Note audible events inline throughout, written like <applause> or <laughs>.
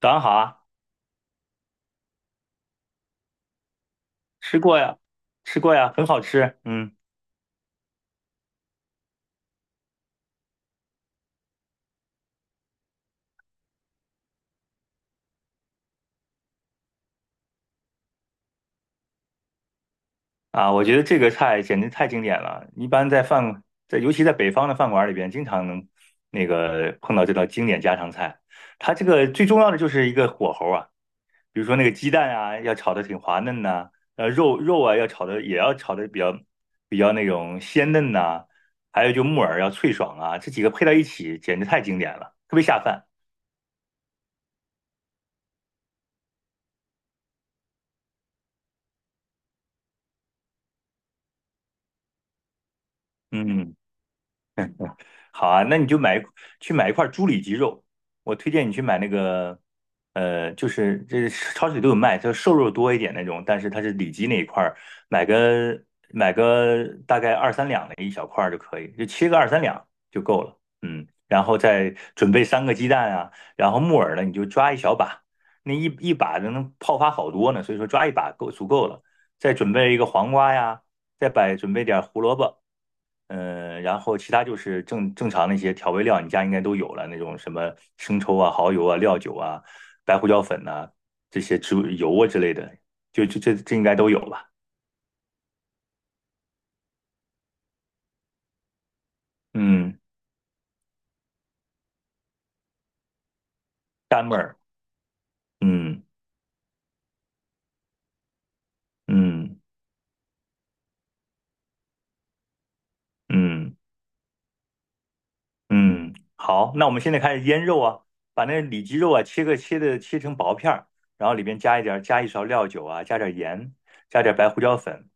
早上好啊。吃过呀，吃过呀，很好吃。嗯啊，我觉得这个菜简直太经典了。一般在饭，尤其在北方的饭馆里边，经常能碰到这道经典家常菜。它这个最重要的就是一个火候啊，比如说那个鸡蛋啊，要炒的挺滑嫩呐、肉啊要炒的，也要炒的比较那种鲜嫩呐、还有就木耳要脆爽啊，这几个配在一起，简直太经典了，特别下饭。嗯。好啊，那你去买一块猪里脊肉。我推荐你去买那个，就是这超市里都有卖，它瘦肉多一点那种，但是它是里脊那一块儿，买个买个大概二三两的一小块儿就可以，就切个二三两就够了。嗯，然后再准备三个鸡蛋啊，然后木耳呢你就抓一小把，那一把就能泡发好多呢，所以说抓一把够足够了，再准备一个黄瓜呀，准备点胡萝卜。嗯，然后其他就是正常那些调味料，你家应该都有了，那种什么生抽啊、蚝油啊、料酒啊、白胡椒粉呐、这些植物油啊之类的，就这应该都有吧？嗯，单味儿，嗯嗯嗯。嗯嗯，好，那我们现在开始腌肉啊。把那里脊肉啊切个切的切成薄片儿，然后里边加一勺料酒啊，加点儿盐，加点儿白胡椒粉，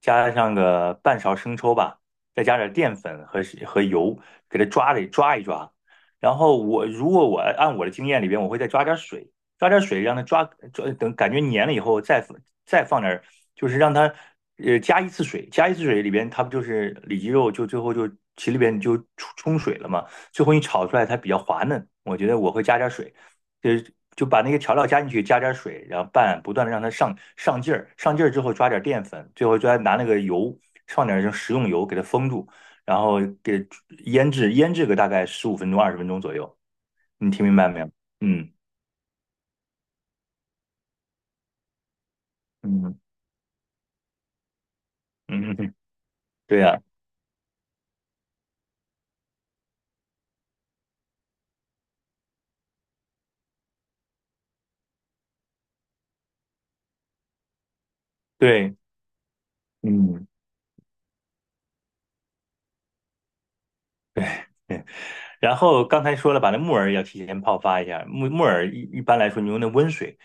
加上个半勺生抽吧，再加点儿淀粉和油，给它抓了抓一抓。然后我我按我的经验里边，我会再抓点儿水，抓点儿水让它抓，等感觉粘了以后再放点儿，就是让它，加一次水。里边它不就是里脊肉就最后就里边就冲水了嘛。最后你炒出来它比较滑嫩，我觉得我会加点水，就是就把那个调料加进去，加点水，然后拌，不断的让它上劲儿，上劲儿之后抓点淀粉，最后拿那个油放点这食用油给它封住，然后腌制个大概15分钟20分钟左右，你听明白没有？嗯嗯嗯，嗯 <laughs> 对呀、对，嗯。对，然后刚才说了，把那木耳要提前泡发一下。木耳一般来说，你用那温水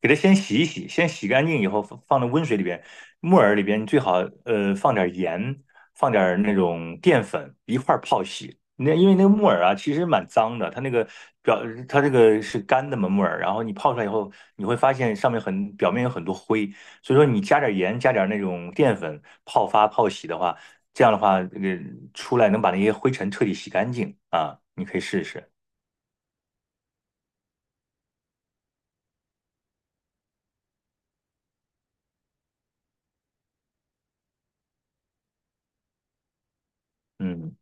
给它先洗一洗，先洗干净以后放到温水里边。木耳里边你最好，放点盐，放点那种淀粉一块儿泡洗。那因为那个木耳啊，其实蛮脏的，它那个表它这个是干的嘛木耳，然后你泡出来以后，你会发现上面很表面有很多灰，所以说你加点盐，加点那种淀粉泡洗的话。这样的话，这个出来能把那些灰尘彻底洗干净啊，你可以试试。嗯。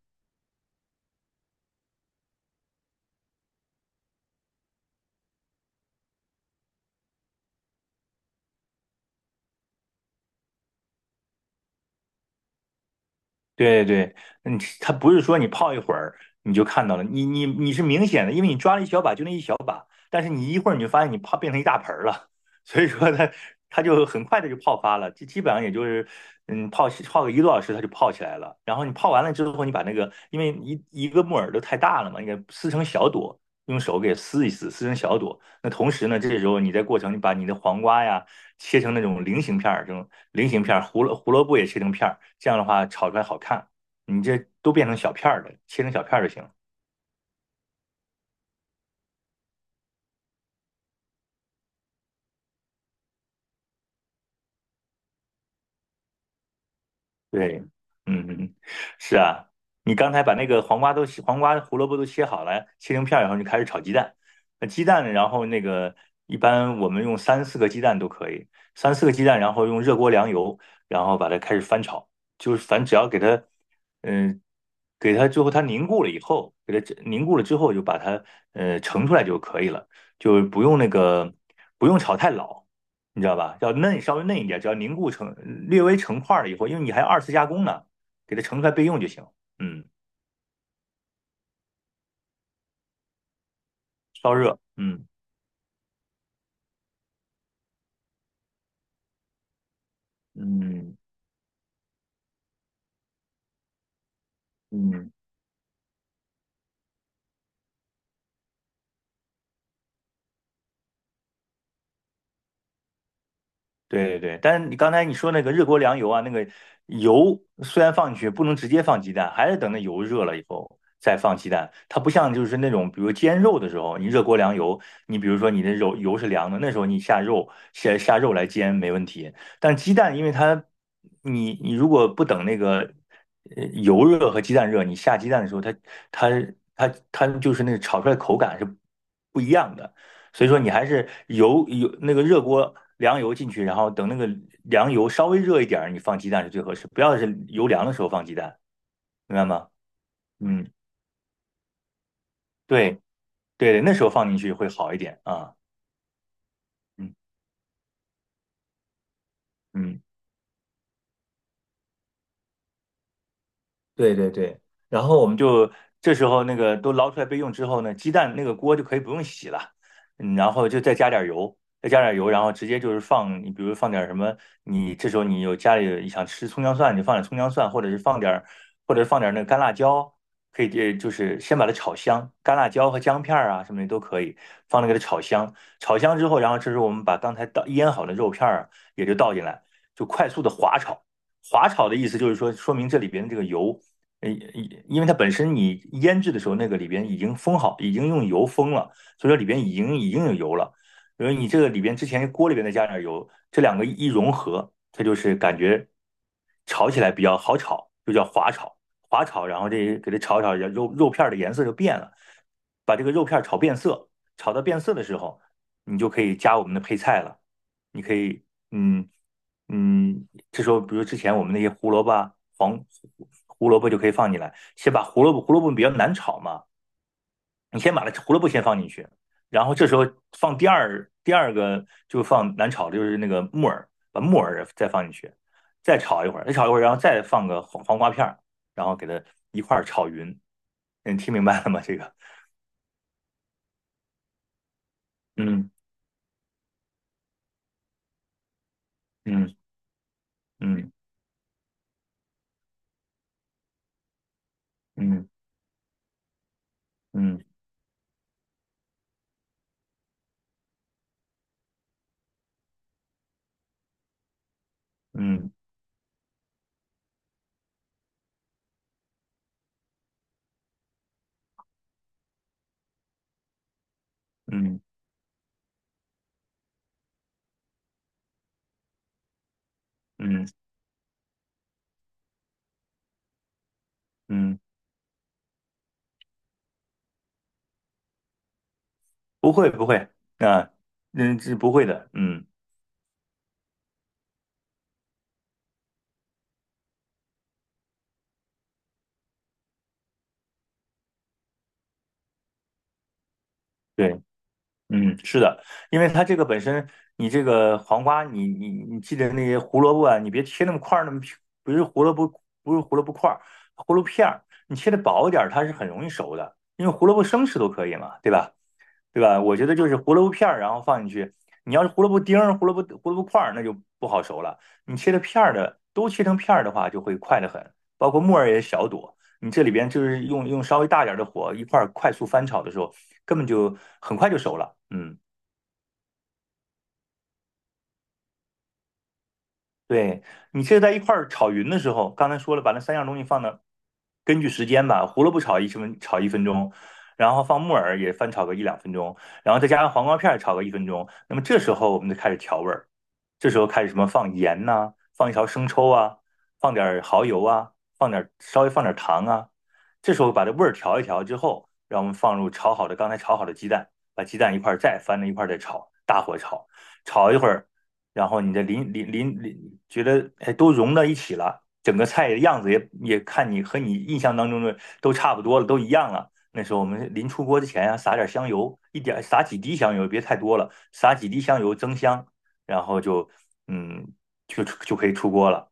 对对，嗯，它不是说你泡一会儿你就看到了，你是明显的，因为你抓了一小把就那一小把，但是你一会儿你就发现你泡变成一大盆儿了。<laughs> 所以说它就很快的就泡发了，基本上也就是，泡个1个多小时它就泡起来了。然后你泡完了之后，你把那个因为一个木耳都太大了嘛，你给撕成小朵，用手给撕一撕，撕成小朵。那同时呢，这时候你在过程你把你的黄瓜呀切成那种菱形片儿，这种菱形片，胡萝卜也切成片，这样的话炒出来好看。你这都变成小片儿的，切成小片儿就行了。对，嗯，<laughs> 是啊。你刚才把黄瓜、胡萝卜都切好了，切成片儿以后，你就开始炒鸡蛋。那鸡蛋，然后那个，一般我们用三四个鸡蛋都可以。三四个鸡蛋，然后用热锅凉油，然后把它开始翻炒，就是反正只要给它，嗯、给它最后它凝固了以后，给它凝固了之后，就把它，盛出来就可以了，就不用那个，不用炒太老，你知道吧？要嫩，稍微嫩一点，只要凝固成略微成块了以后，因为你还要二次加工呢，给它盛出来备用就行。嗯，烧热，嗯嗯嗯，对对对。但是你刚才你说那个热锅凉油啊，那个油虽然放进去，不能直接放鸡蛋，还是等那油热了以后再放鸡蛋。它不像就是那种，比如煎肉的时候，你热锅凉油，你比如说你的肉油是凉的，那时候你下肉来煎没问题。但鸡蛋，因为它，你如果不等那个，油热和鸡蛋热，你下鸡蛋的时候，它它就是那个炒出来的口感是不一样的。所以说你还是那个热锅凉油进去，然后等那个凉油稍微热一点儿，你放鸡蛋是最合适，不要是油凉的时候放鸡蛋，明白吗？嗯，对对，那时候放进去会好一点啊。嗯嗯。对对对，然后我们就这时候那个都捞出来备用之后呢，鸡蛋那个锅就可以不用洗了。嗯，然后就再加点油，再加点油，然后直接就是放，你比如放点什么，你这时候你有家里想吃葱姜蒜，你就放点葱姜蒜，或者是放点，那个干辣椒，可以，就是先把它炒香，干辣椒和姜片儿啊什么的都可以放那个炒香。炒香之后，然后这时候我们把刚才腌好的肉片儿啊也就倒进来，就快速的滑炒。滑炒的意思就是说，说明这里边的这个油，呃，因为它本身你腌制的时候，那个里边已经封好，已经用油封了，所以说里边已经有油了。因为你这个里边之前锅里边再加点油，这两个一融合，它就是感觉炒起来比较好炒，就叫滑炒。滑炒，然后这给它炒一炒，肉片儿的颜色就变了。把这个肉片儿炒变色，炒到变色的时候，你就可以加我们的配菜了。你可以，嗯。嗯，这时候比如之前我们那些胡萝卜、黄胡萝卜就可以放进来，先把胡萝卜比较难炒嘛，你先把它胡萝卜先放进去，然后这时候放第二个就放难炒的就是那个木耳，把木耳再放进去，再炒一会儿，再炒一会儿，然后再放个黄瓜片儿，然后给它一块儿炒匀。你听明白了吗？这个，嗯嗯嗯嗯嗯嗯嗯嗯嗯，嗯不会不会。啊，嗯，这不会的，嗯。对，嗯，是的。因为它这个本身，你这个黄瓜，你你记得那些胡萝卜啊，你别切那么块儿，那么平，不是胡萝卜，不是胡萝卜块儿，胡萝卜片儿，你切的薄一点儿，它是很容易熟的，因为胡萝卜生吃都可以嘛，对吧？对吧？我觉得就是胡萝卜片儿，然后放进去。你要是胡萝卜丁儿、胡萝卜块儿，那就不好熟了。你切的片儿的，都切成片儿的话，就会快得很。包括木耳也小朵，你这里边就是用稍微大点的火一块儿快速翻炒的时候，根本就很快就熟了。嗯。对，你其实在一块儿炒匀的时候，刚才说了，把那三样东西放到，根据时间吧，胡萝卜炒一分钟，然后放木耳也翻炒个1、2分钟，然后再加上黄瓜片儿炒个一分钟。那么这时候我们就开始调味儿，这时候开始什么放盐呐、放一勺生抽啊，放点儿蚝油啊，放点儿，糖啊。这时候把这味儿调一调之后，让我们放入炒好的刚才炒好的鸡蛋，把鸡蛋一块儿再翻着一块儿再炒，大火炒，炒一会儿。然后你的淋，觉得哎都融到一起了，整个菜的样子也看你和你印象当中的都差不多了，都一样了。那时候我们临出锅之前啊，撒点香油，撒几滴香油，别太多了，撒几滴香油增香，然后就嗯就就可以出锅了。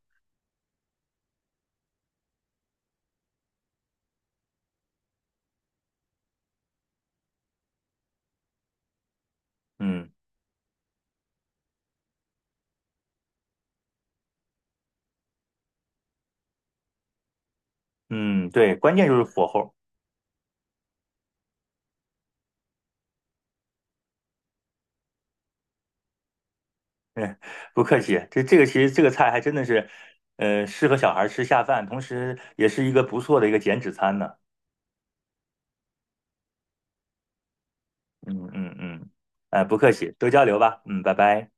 嗯嗯，对，关键就是火候。嗯，<laughs> 不客气。这其实这个菜还真的是，适合小孩吃下饭，同时也是一个不错的减脂餐呢。嗯嗯嗯，不客气，多交流吧，嗯，拜拜。